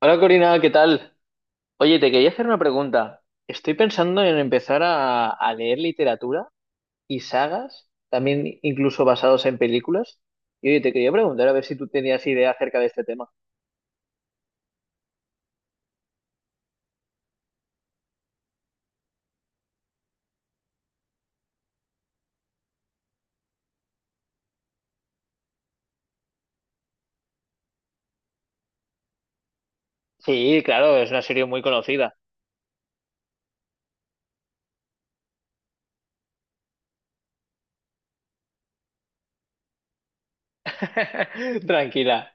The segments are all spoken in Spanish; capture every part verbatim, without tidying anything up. Hola Corina, ¿qué tal? Oye, te quería hacer una pregunta. Estoy pensando en empezar a, a leer literatura y sagas, también incluso basados en películas. Y oye, te quería preguntar a ver si tú tenías idea acerca de este tema. Sí, claro, es una serie muy conocida. Tranquila.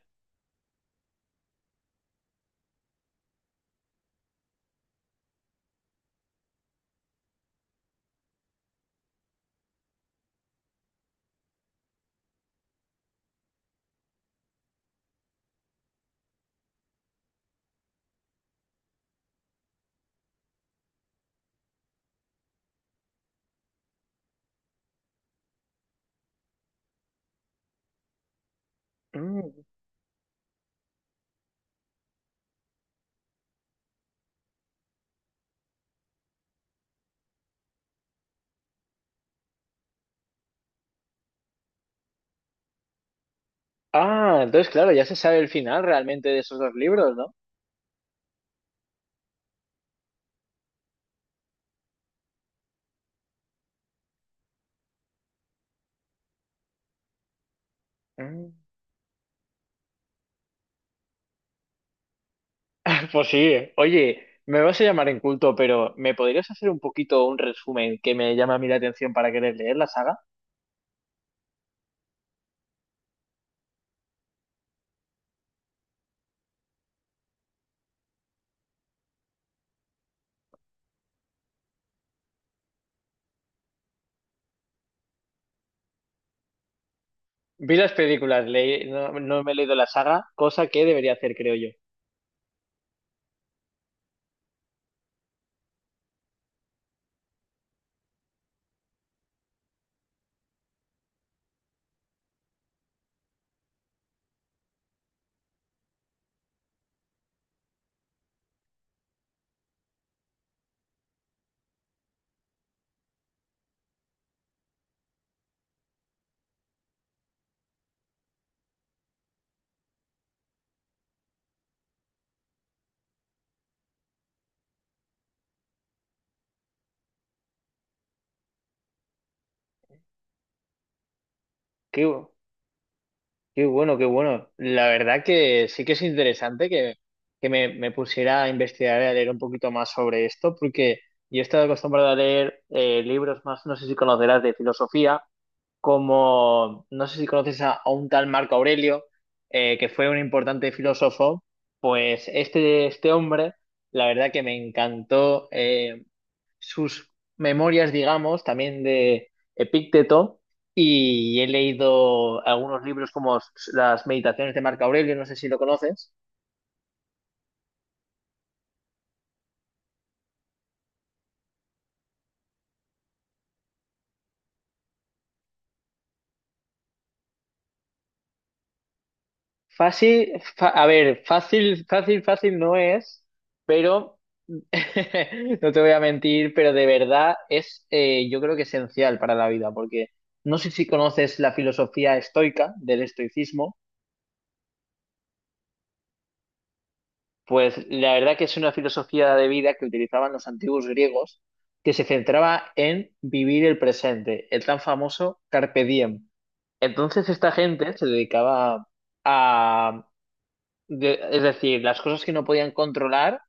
Mm. Ah, entonces claro, ya se sabe el final realmente de esos dos libros, ¿no? Mm. Pues sí, oye, me vas a llamar inculto, pero ¿me podrías hacer un poquito un resumen que me llama a mí la atención para querer leer la saga? Vi las películas, leí- no, no me he leído la saga, cosa que debería hacer, creo yo. Qué, bu- Qué bueno, qué bueno. La verdad que sí que es interesante que, que me, me pusiera a investigar y a leer un poquito más sobre esto, porque yo he estado acostumbrado a leer eh, libros más, no sé si conocerás, de filosofía, como, no sé si conoces a, a un tal Marco Aurelio, eh, que fue un importante filósofo. Pues este, este hombre... la verdad que me encantó. eh, sus memorias, digamos, también de Epícteto. Y he leído algunos libros como las Meditaciones de Marco Aurelio, no sé si lo conoces. Fácil, fa- a ver, fácil, fácil, fácil no es, pero no te voy a mentir, pero de verdad es, eh, yo creo, que esencial para la vida, porque no sé si conoces la filosofía estoica del estoicismo. Pues la verdad que es una filosofía de vida que utilizaban los antiguos griegos, que se centraba en vivir el presente, el tan famoso carpe diem. Entonces esta gente se dedicaba a, de- es decir, las cosas que no podían controlar,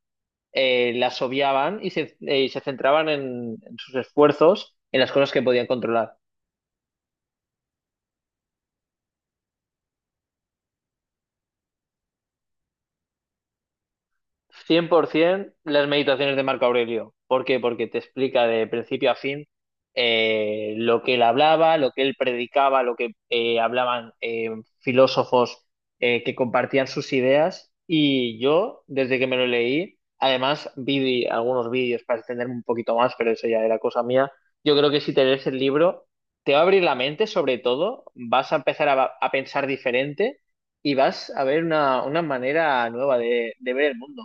eh, las obviaban y se, eh, y se centraban en, en sus esfuerzos en las cosas que podían controlar. cien por ciento las meditaciones de Marco Aurelio. ¿Por qué? Porque te explica de principio a fin eh, lo que él hablaba, lo que él predicaba, lo que eh, hablaban eh, filósofos eh, que compartían sus ideas. Y yo, desde que me lo leí, además vi algunos vídeos para extenderme un poquito más, pero eso ya era cosa mía. Yo creo que si te lees el libro, te va a abrir la mente, sobre todo, vas a empezar a a pensar diferente y vas a ver una, una manera nueva de, de ver el mundo.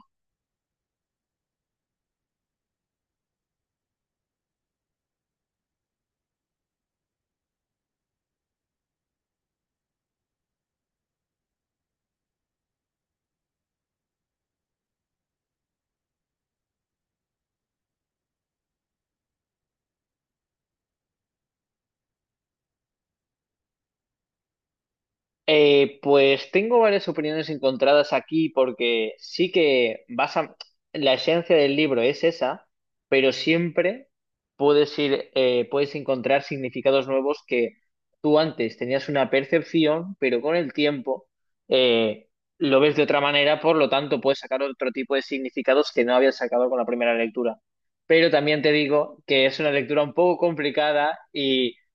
Eh, pues tengo varias opiniones encontradas aquí porque sí que vas a... la esencia del libro es esa, pero siempre puedes ir, eh, puedes encontrar significados nuevos que tú antes tenías una percepción, pero con el tiempo eh, lo ves de otra manera, por lo tanto puedes sacar otro tipo de significados que no habías sacado con la primera lectura. Pero también te digo que es una lectura un poco complicada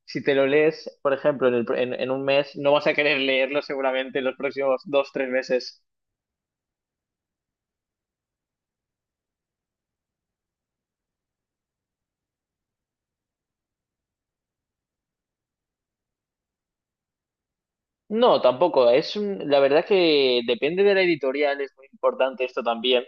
si te lo lees, por ejemplo, en, el- en- en un mes, no vas a querer leerlo seguramente en los próximos dos, tres meses. No, tampoco. Es un- la verdad que depende de la editorial, es muy importante esto también,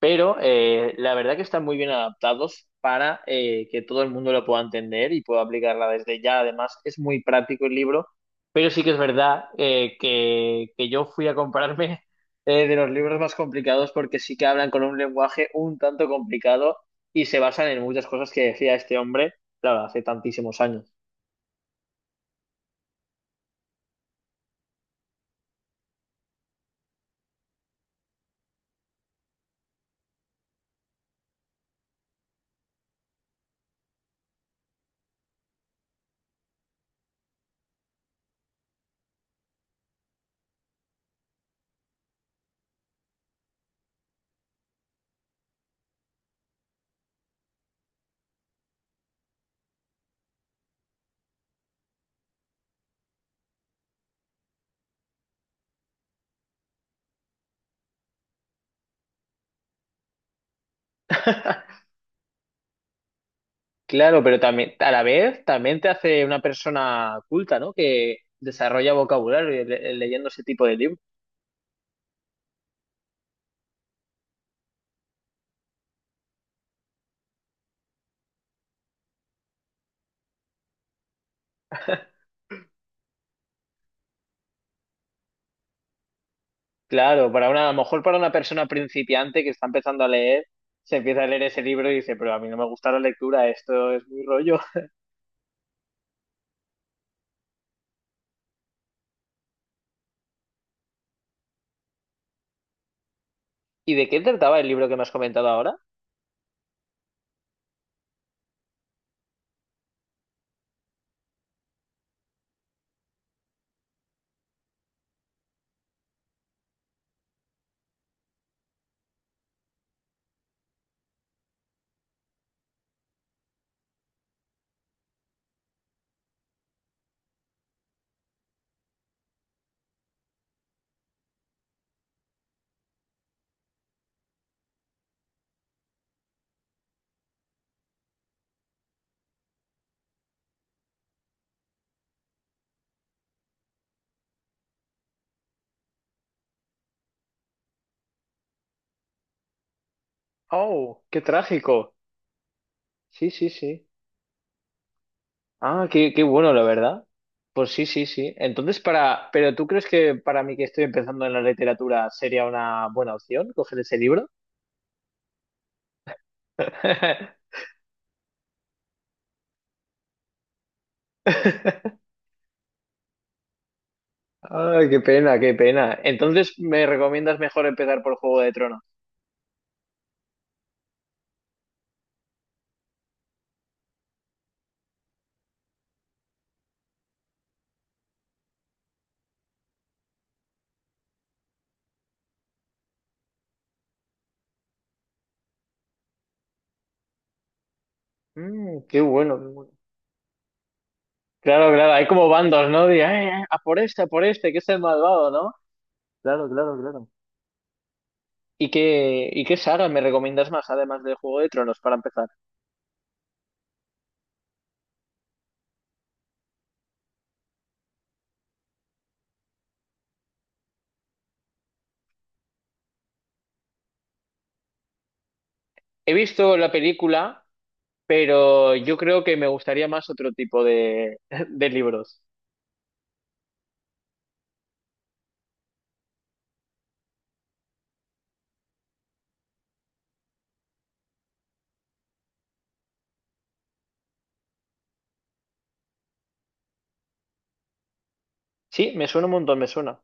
pero eh, la verdad que están muy bien adaptados para eh, que todo el mundo lo pueda entender y pueda aplicarla desde ya. Además, es muy práctico el libro, pero sí que es verdad eh, que, que yo fui a comprarme eh, de los libros más complicados porque sí que hablan con un lenguaje un tanto complicado y se basan en muchas cosas que decía este hombre, claro, hace tantísimos años. Claro, pero también, a la vez, también te hace una persona culta, ¿no? Que desarrolla vocabulario y le- eh, leyendo ese tipo de libros. Claro, para una, a lo mejor para una persona principiante que está empezando a leer, se empieza a leer ese libro y dice, pero a mí no me gusta la lectura, esto es muy rollo. ¿Y de qué trataba el libro que me has comentado ahora? Oh, qué trágico. Sí, sí, sí. Ah, qué, qué bueno, la verdad. Pues sí, sí, sí. Entonces, para, pero ¿tú crees que para mí que estoy empezando en la literatura sería una buena opción coger ese libro? Ay, qué pena, qué pena. Entonces, ¿me recomiendas mejor empezar por Juego de Tronos? Mm, qué bueno, qué bueno. Claro, claro, hay como bandos, ¿no? De, "Eh, eh, a por este, a por este, que es el malvado, ¿no?" Claro, claro, claro. ¿Y qué, y qué saga me recomiendas más, además de Juego de Tronos, para empezar? He visto la película, pero yo creo que me gustaría más otro tipo de, de libros. Sí, me suena un montón, me suena.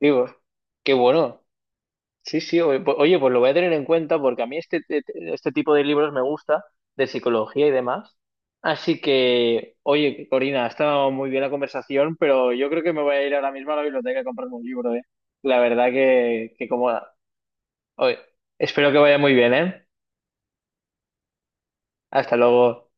Digo, qué bueno. Sí, sí, o- po- oye, pues lo voy a tener en cuenta porque a mí este, te- te- este tipo de libros me gusta, de psicología y demás. Así que, oye, Corina, ha estado muy bien la conversación, pero yo creo que me voy a ir ahora mismo a la biblioteca a comprarme un libro, ¿eh? La verdad que, que como... oye, espero que vaya muy bien, ¿eh? Hasta luego.